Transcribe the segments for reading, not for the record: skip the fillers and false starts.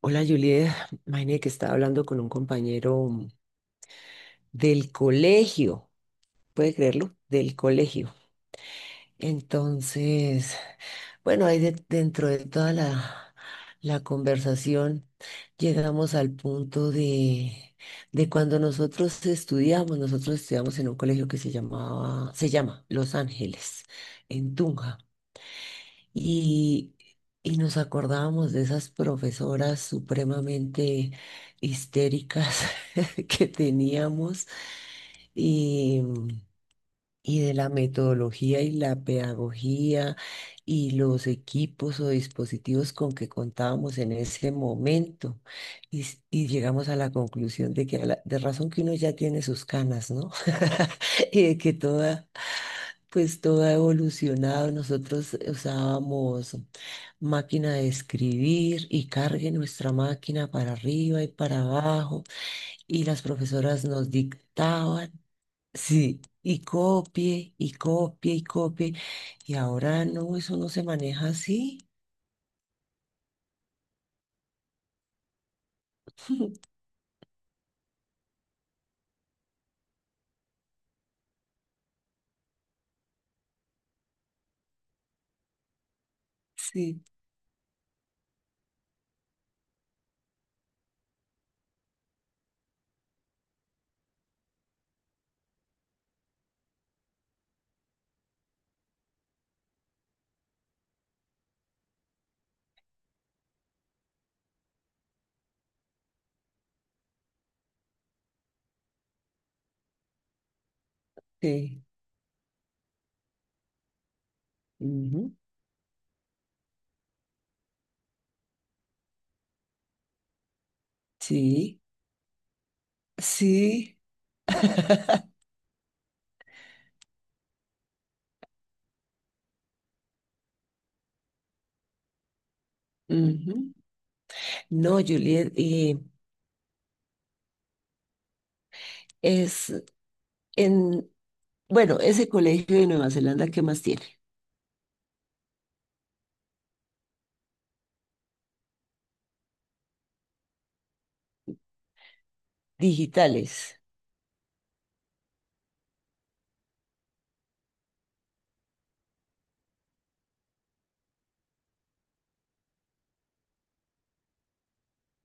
Hola Juliet, imagínate que estaba hablando con un compañero del colegio, ¿puede creerlo? Del colegio. Entonces, bueno, ahí dentro de toda la conversación llegamos al punto de cuando nosotros estudiamos en un colegio que se llamaba, se llama Los Ángeles, en Tunja. Y, y nos acordábamos de esas profesoras supremamente histéricas que teníamos. Y y de la metodología y la pedagogía y los equipos o dispositivos con que contábamos en ese momento. Y llegamos a la conclusión de que de razón que uno ya tiene sus canas, ¿no? Y de que toda, pues todo ha evolucionado. Nosotros usábamos máquina de escribir y cargue nuestra máquina para arriba y para abajo, y las profesoras nos dictaban. Sí, y copie, y copie, y copie. Y ahora no, eso no se maneja así. Sí, sí. Ujú. Sí, sí. Ujú. No, Juliet, es en, bueno, ese colegio de Nueva Zelanda, ¿qué más tiene? Digitales.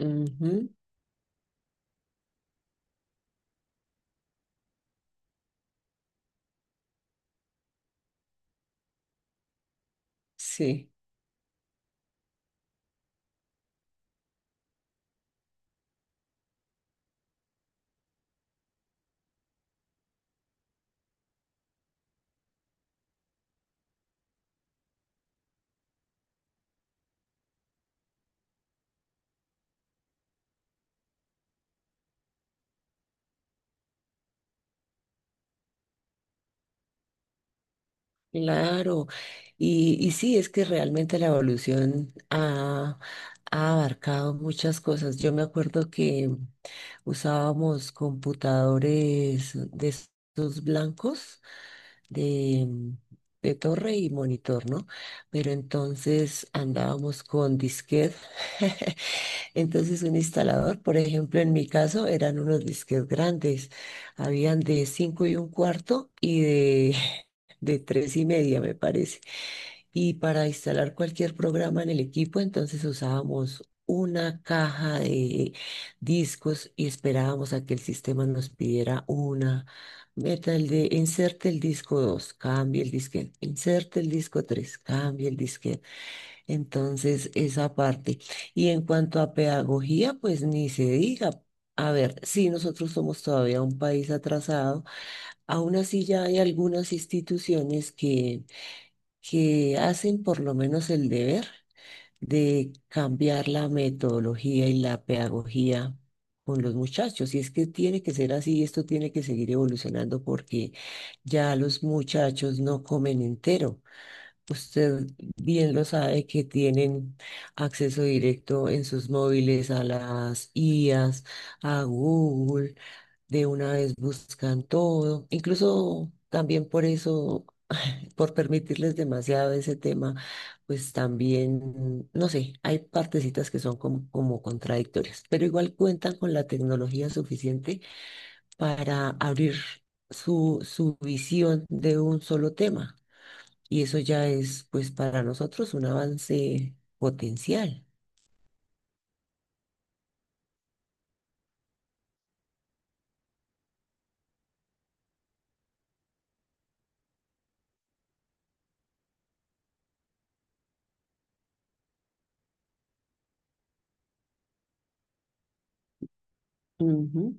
Ujú. Sí, claro. Y sí, es que realmente la evolución ha, ha abarcado muchas cosas. Yo me acuerdo que usábamos computadores de esos blancos de, de torre y monitor, ¿no? Pero entonces andábamos con disquet. Entonces un instalador, por ejemplo, en mi caso eran unos disquetes grandes. Habían de cinco y un cuarto y de, de tres y media, me parece. Y para instalar cualquier programa en el equipo, entonces usábamos una caja de discos y esperábamos a que el sistema nos pidiera una. Meta el de inserte el disco dos, cambie el disquete, inserte el disco tres, cambie el disquete. Entonces, esa parte. Y en cuanto a pedagogía, pues ni se diga. A ver, sí, nosotros somos todavía un país atrasado. Aún así, ya hay algunas instituciones que hacen por lo menos el deber de cambiar la metodología y la pedagogía con los muchachos. Y es que tiene que ser así, esto tiene que seguir evolucionando porque ya los muchachos no comen entero. Usted bien lo sabe que tienen acceso directo en sus móviles a las IAs, a Google, de una vez buscan todo, incluso también por eso, por permitirles demasiado ese tema, pues también, no sé, hay partecitas que son como, como contradictorias, pero igual cuentan con la tecnología suficiente para abrir su visión de un solo tema. Y eso ya es, pues, para nosotros un avance potencial. Ujú.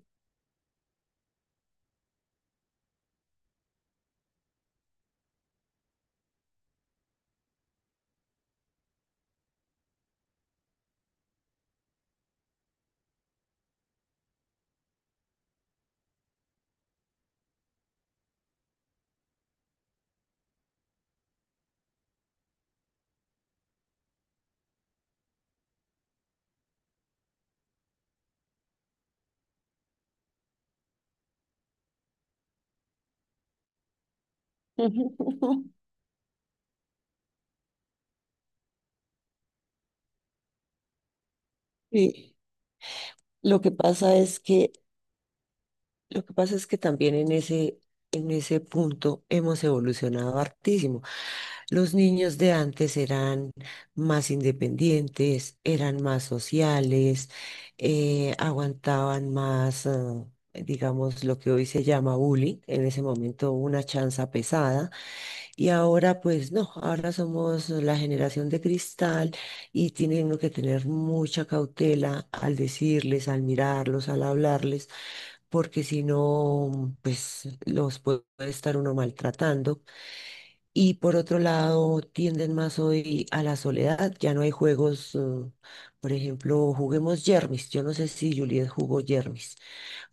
Sí, lo que pasa es que lo que pasa es que también en en ese punto hemos evolucionado hartísimo. Los niños de antes eran más independientes, eran más sociales, aguantaban más, digamos, lo que hoy se llama bullying, en ese momento una chanza pesada. Y ahora, pues no, ahora somos la generación de cristal y tienen uno que tener mucha cautela al decirles, al mirarlos, al hablarles, porque si no, pues los puede estar uno maltratando. Y por otro lado, tienden más hoy a la soledad. Ya no hay juegos, por ejemplo, juguemos yermis. Yo no sé si Juliet jugó yermis.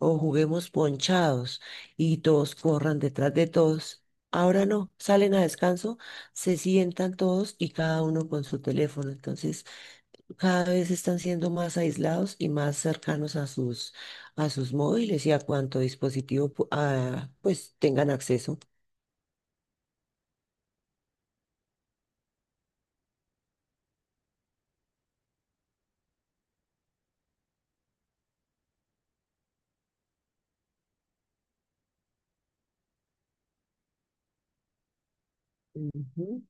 O juguemos ponchados y todos corran detrás de todos. Ahora no, salen a descanso, se sientan todos y cada uno con su teléfono. Entonces, cada vez están siendo más aislados y más cercanos a a sus móviles y a cuánto dispositivo pues tengan acceso. Ujú.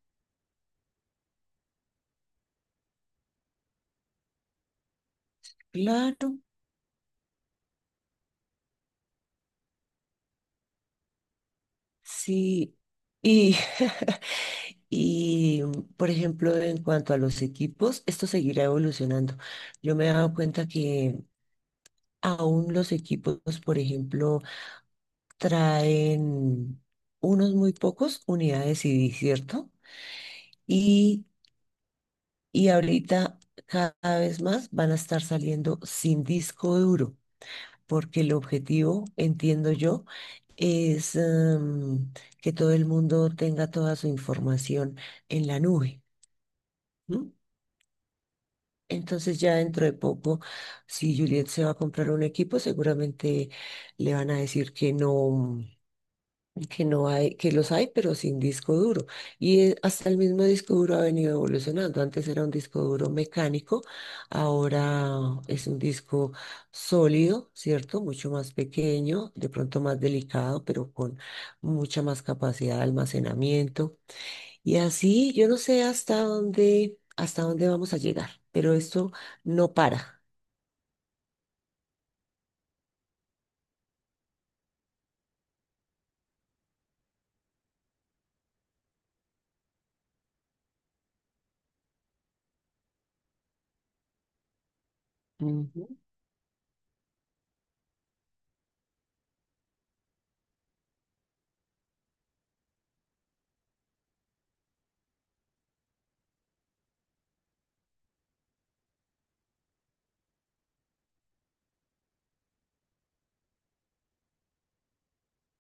Claro, sí. Y, y, por ejemplo, en cuanto a los equipos, esto seguirá evolucionando. Yo me he dado cuenta que aún los equipos, por ejemplo, traen unos muy pocos unidades CD, ¿cierto? y Y ahorita cada vez más van a estar saliendo sin disco duro, porque el objetivo, entiendo yo, es que todo el mundo tenga toda su información en la nube. ¿No? Entonces ya dentro de poco, si Juliet se va a comprar un equipo, seguramente le van a decir que no, que no hay, que los hay, pero sin disco duro. Y hasta el mismo disco duro ha venido evolucionando. Antes era un disco duro mecánico, ahora es un disco sólido, ¿cierto? Mucho más pequeño, de pronto más delicado, pero con mucha más capacidad de almacenamiento. Y así, yo no sé hasta dónde vamos a llegar, pero esto no para. Ujú.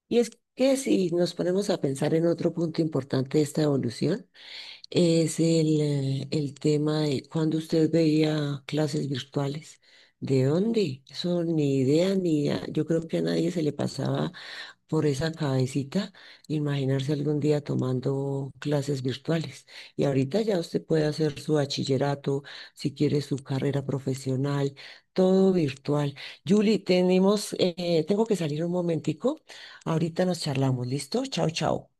Y es que si nos ponemos a pensar en otro punto importante de esta evolución, es el tema de cuando usted veía clases virtuales. ¿De dónde? Eso ni idea, ni a- yo creo que a nadie se le pasaba por esa cabecita imaginarse algún día tomando clases virtuales. Y ahorita ya usted puede hacer su bachillerato, si quiere su carrera profesional, todo virtual. Julie, tengo que salir un momentico. Ahorita nos charlamos, ¿listo? Chao, chao.